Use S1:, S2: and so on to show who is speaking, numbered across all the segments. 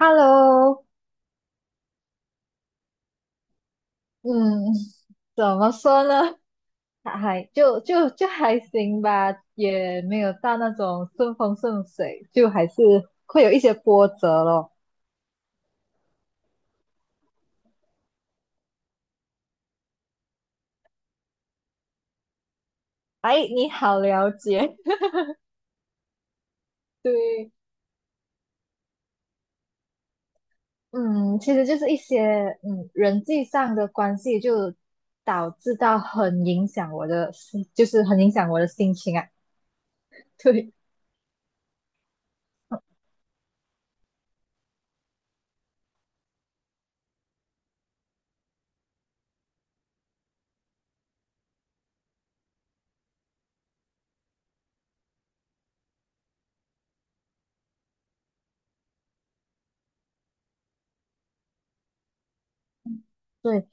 S1: Hello，嗯，怎么说呢？还还就就就还行吧，也没有到那种顺风顺水，就还是会有一些波折咯。哎，你好了解，对，嗯，其实就是一些人际上的关系，就导致到很影响我的心，就是很影响我的心情啊。对，对，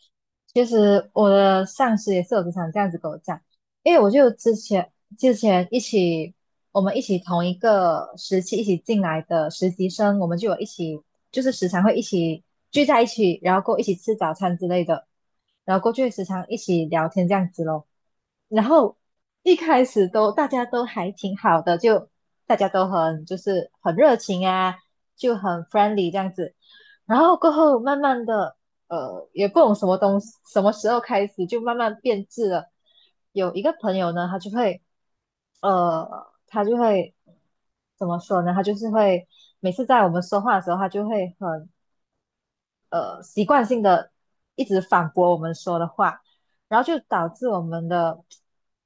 S1: 其实我的上司也是有经常这样子跟我讲，因为我就之前我们同一个时期一起进来的实习生，我们就有一起就是时常会一起聚在一起，然后过一起吃早餐之类的，然后过去时常一起聊天这样子咯。然后一开始大家都还挺好的，就大家都很热情啊，就很 friendly 这样子。然后过后慢慢的，也不懂什么东西，什么时候开始就慢慢变质了。有一个朋友呢，呃，他就会怎么说呢？他就是会每次在我们说话的时候，他就会很习惯性的一直反驳我们说的话，然后就导致我们的，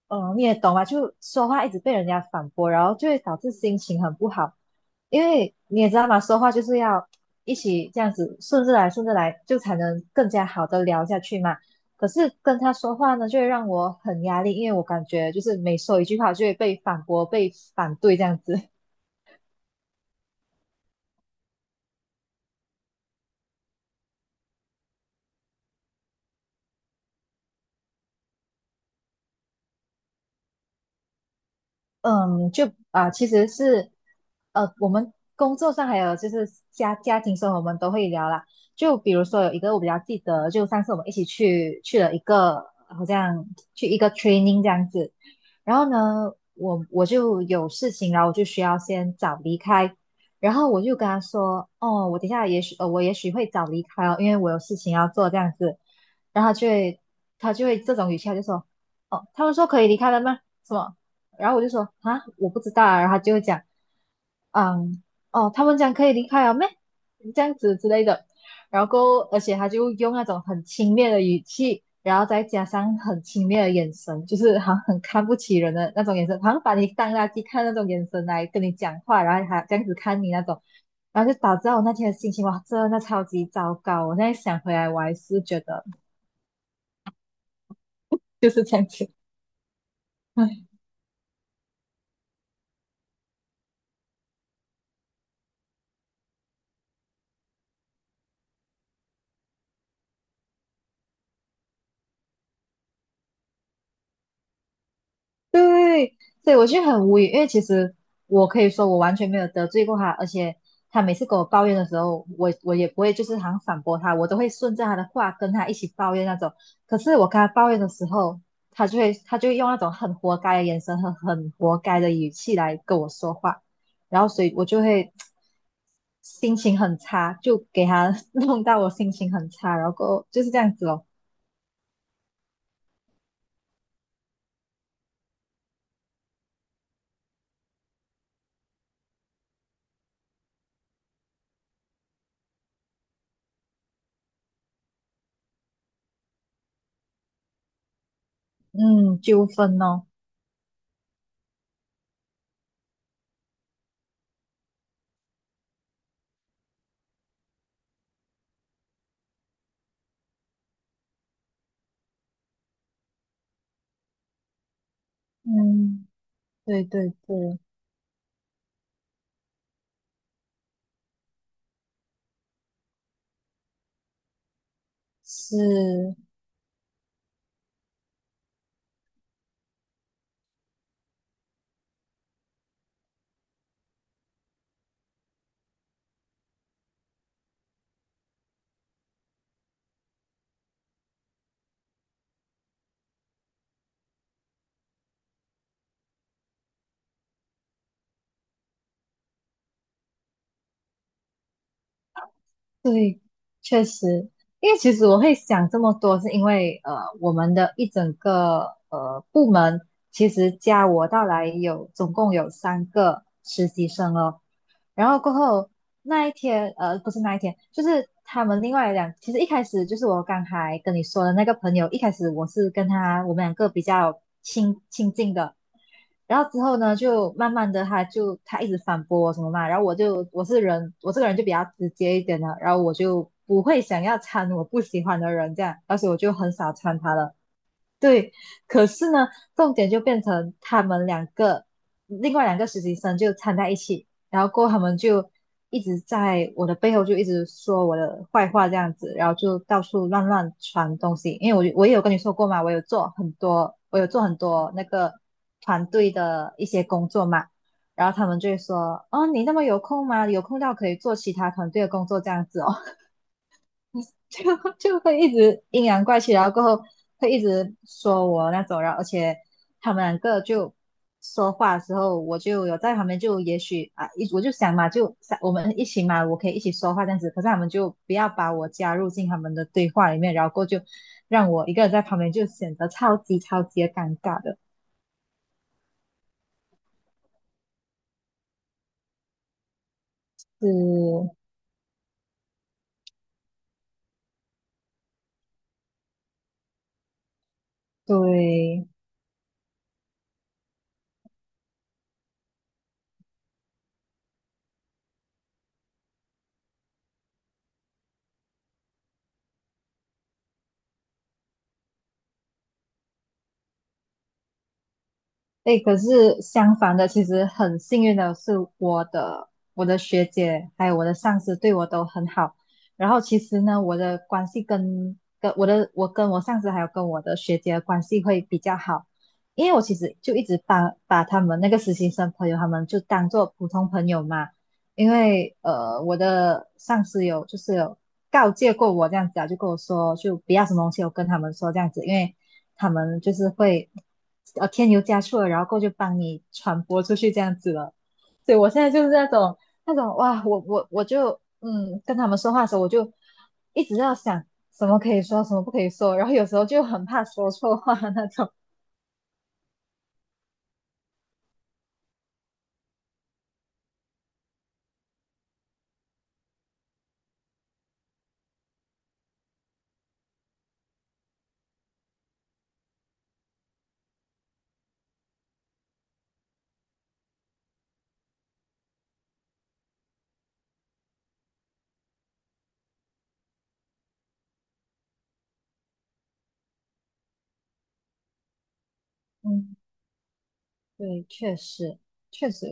S1: 嗯，你也懂吧？就说话一直被人家反驳，然后就会导致心情很不好，因为你也知道嘛，说话就是要一起这样子顺着来顺着来，就才能更加好的聊下去嘛。可是跟他说话呢，就会让我很压力，因为我感觉就是每说一句话就会被反驳、被反对这样子。嗯，其实是我们工作上还有就是家庭生活，我们都会聊啦。就比如说有一个我比较记得，就上次我们一起去了一个好像去一个 training 这样子，然后呢，我就有事情，然后我就需要先早离开，然后我就跟他说，哦，我等一下也许我也许会早离开哦，因为我有事情要做这样子，然后他就会这种语气，他就说，哦，他们说可以离开了吗？什么？然后我就说啊，我不知道啊。然后他就会讲，嗯，哦，他们讲可以离开了咩？这样子之类的。然后，而且他就用那种很轻蔑的语气，然后再加上很轻蔑的眼神，就是好像很看不起人的那种眼神，好像把你当垃圾看那种眼神来跟你讲话，然后还这样子看你那种，然后就导致我那天的心情哇，真的超级糟糕。我现在想回来，我还是觉得就是这样子。对，所以我就很无语，因为其实我可以说我完全没有得罪过他，而且他每次跟我抱怨的时候，我也不会就是好像反驳他，我都会顺着他的话跟他一起抱怨那种。可是我跟他抱怨的时候，他就会用那种很活该的眼神和很活该的语气来跟我说话，然后所以我就会心情很差，就给他 弄到我心情很差，然后过后就是这样子哦，嗯，纠纷哦，嗯，对对对，是，对，确实，因为其实我会想这么多，是因为我们的一整个部门其实加我到来有总共有三个实习生哦。然后过后那一天，呃，不是那一天，就是他们另外两，其实一开始就是我刚才跟你说的那个朋友，一开始我是跟他我们两个比较亲近的。然后之后呢，就慢慢的，他一直反驳我什么嘛，然后我是人，我这个人就比较直接一点的，然后我就不会想要掺我不喜欢的人这样，而且我就很少掺他了。对，可是呢，重点就变成他们两个，另外两个实习生就掺在一起，然后过后他们就一直在我的背后就一直说我的坏话这样子，然后就到处乱传东西。因为我也有跟你说过嘛，我有做很多那个团队的一些工作嘛，然后他们就会说，哦，你那么有空吗？有空到可以做其他团队的工作这样子哦。就就会一直阴阳怪气，然后过后会一直说我那种，然后而且他们两个就说话的时候，我就有在旁边，就也许啊，我就想嘛，就想我们一起嘛，我可以一起说话这样子，可是他们就不要把我加入进他们的对话里面，然后过后就让我一个人在旁边，就显得超级的尴尬的，是，对。哎，可是相反的，其实很幸运的是，我的我的学姐还有我的上司对我都很好。然后其实呢，我的关系跟跟我的我跟我上司还有跟我的学姐的关系会比较好，因为我其实就一直把他们那个实习生朋友他们就当做普通朋友嘛。因为我的上司有就是有告诫过我这样子啊，就跟我说，就不要什么东西我跟他们说这样子，因为他们就是会添油加醋的，然后过去帮你传播出去这样子了。所以我现在就是那种哇，我就跟他们说话的时候，我就一直要想什么可以说，什么不可以说，然后有时候就很怕说错话那种。嗯，对，确实，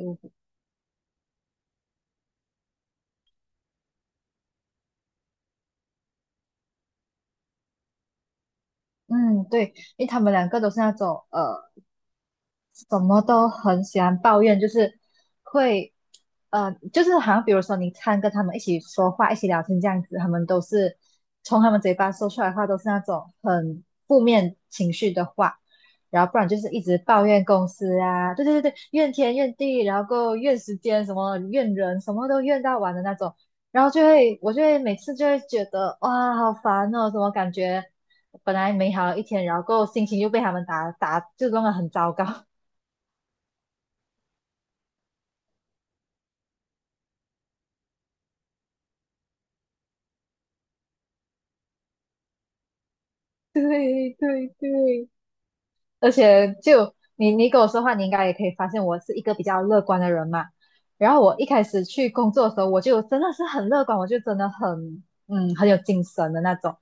S1: 嗯，对，因为他们两个都是那种。什么都很喜欢抱怨，就是会，就是好像比如说你看跟他们一起说话、一起聊天这样子，他们都是从他们嘴巴说出来的话都是那种很负面情绪的话，然后不然就是一直抱怨公司啊，对对对对，怨天怨地，然后够怨时间，什么怨人，什么都怨到完的那种，然后我就会每次就会觉得哇，好烦哦，怎么感觉本来美好的一天，然后够心情又被他们打，就弄得很糟糕。对对对，而且你跟我说话，你应该也可以发现我是一个比较乐观的人嘛。然后我一开始去工作的时候，我就真的是很乐观，我就真的很很有精神的那种。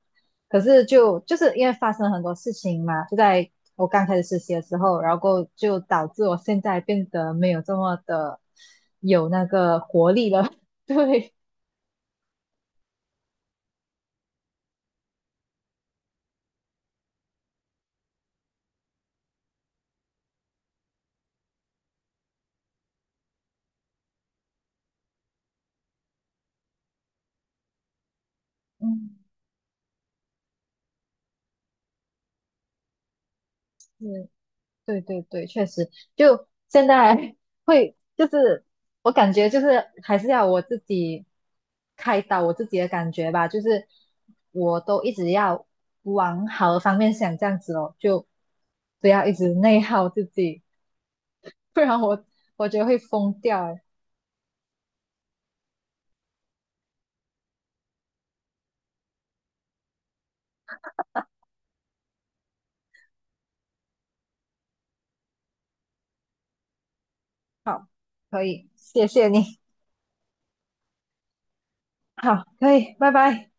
S1: 可是就是因为发生了很多事情嘛，就在我刚开始实习的时候，然后过后就导致我现在变得没有这么的有那个活力了。对，嗯，对，对对对，确实，就现在 会就是我感觉就是还是要我自己开导我自己的感觉吧，就是我都一直要往好的方面想，这样子哦，就不要一直内耗自己，不然我觉得会疯掉诶。好，可以，谢谢你，好，可以，拜拜。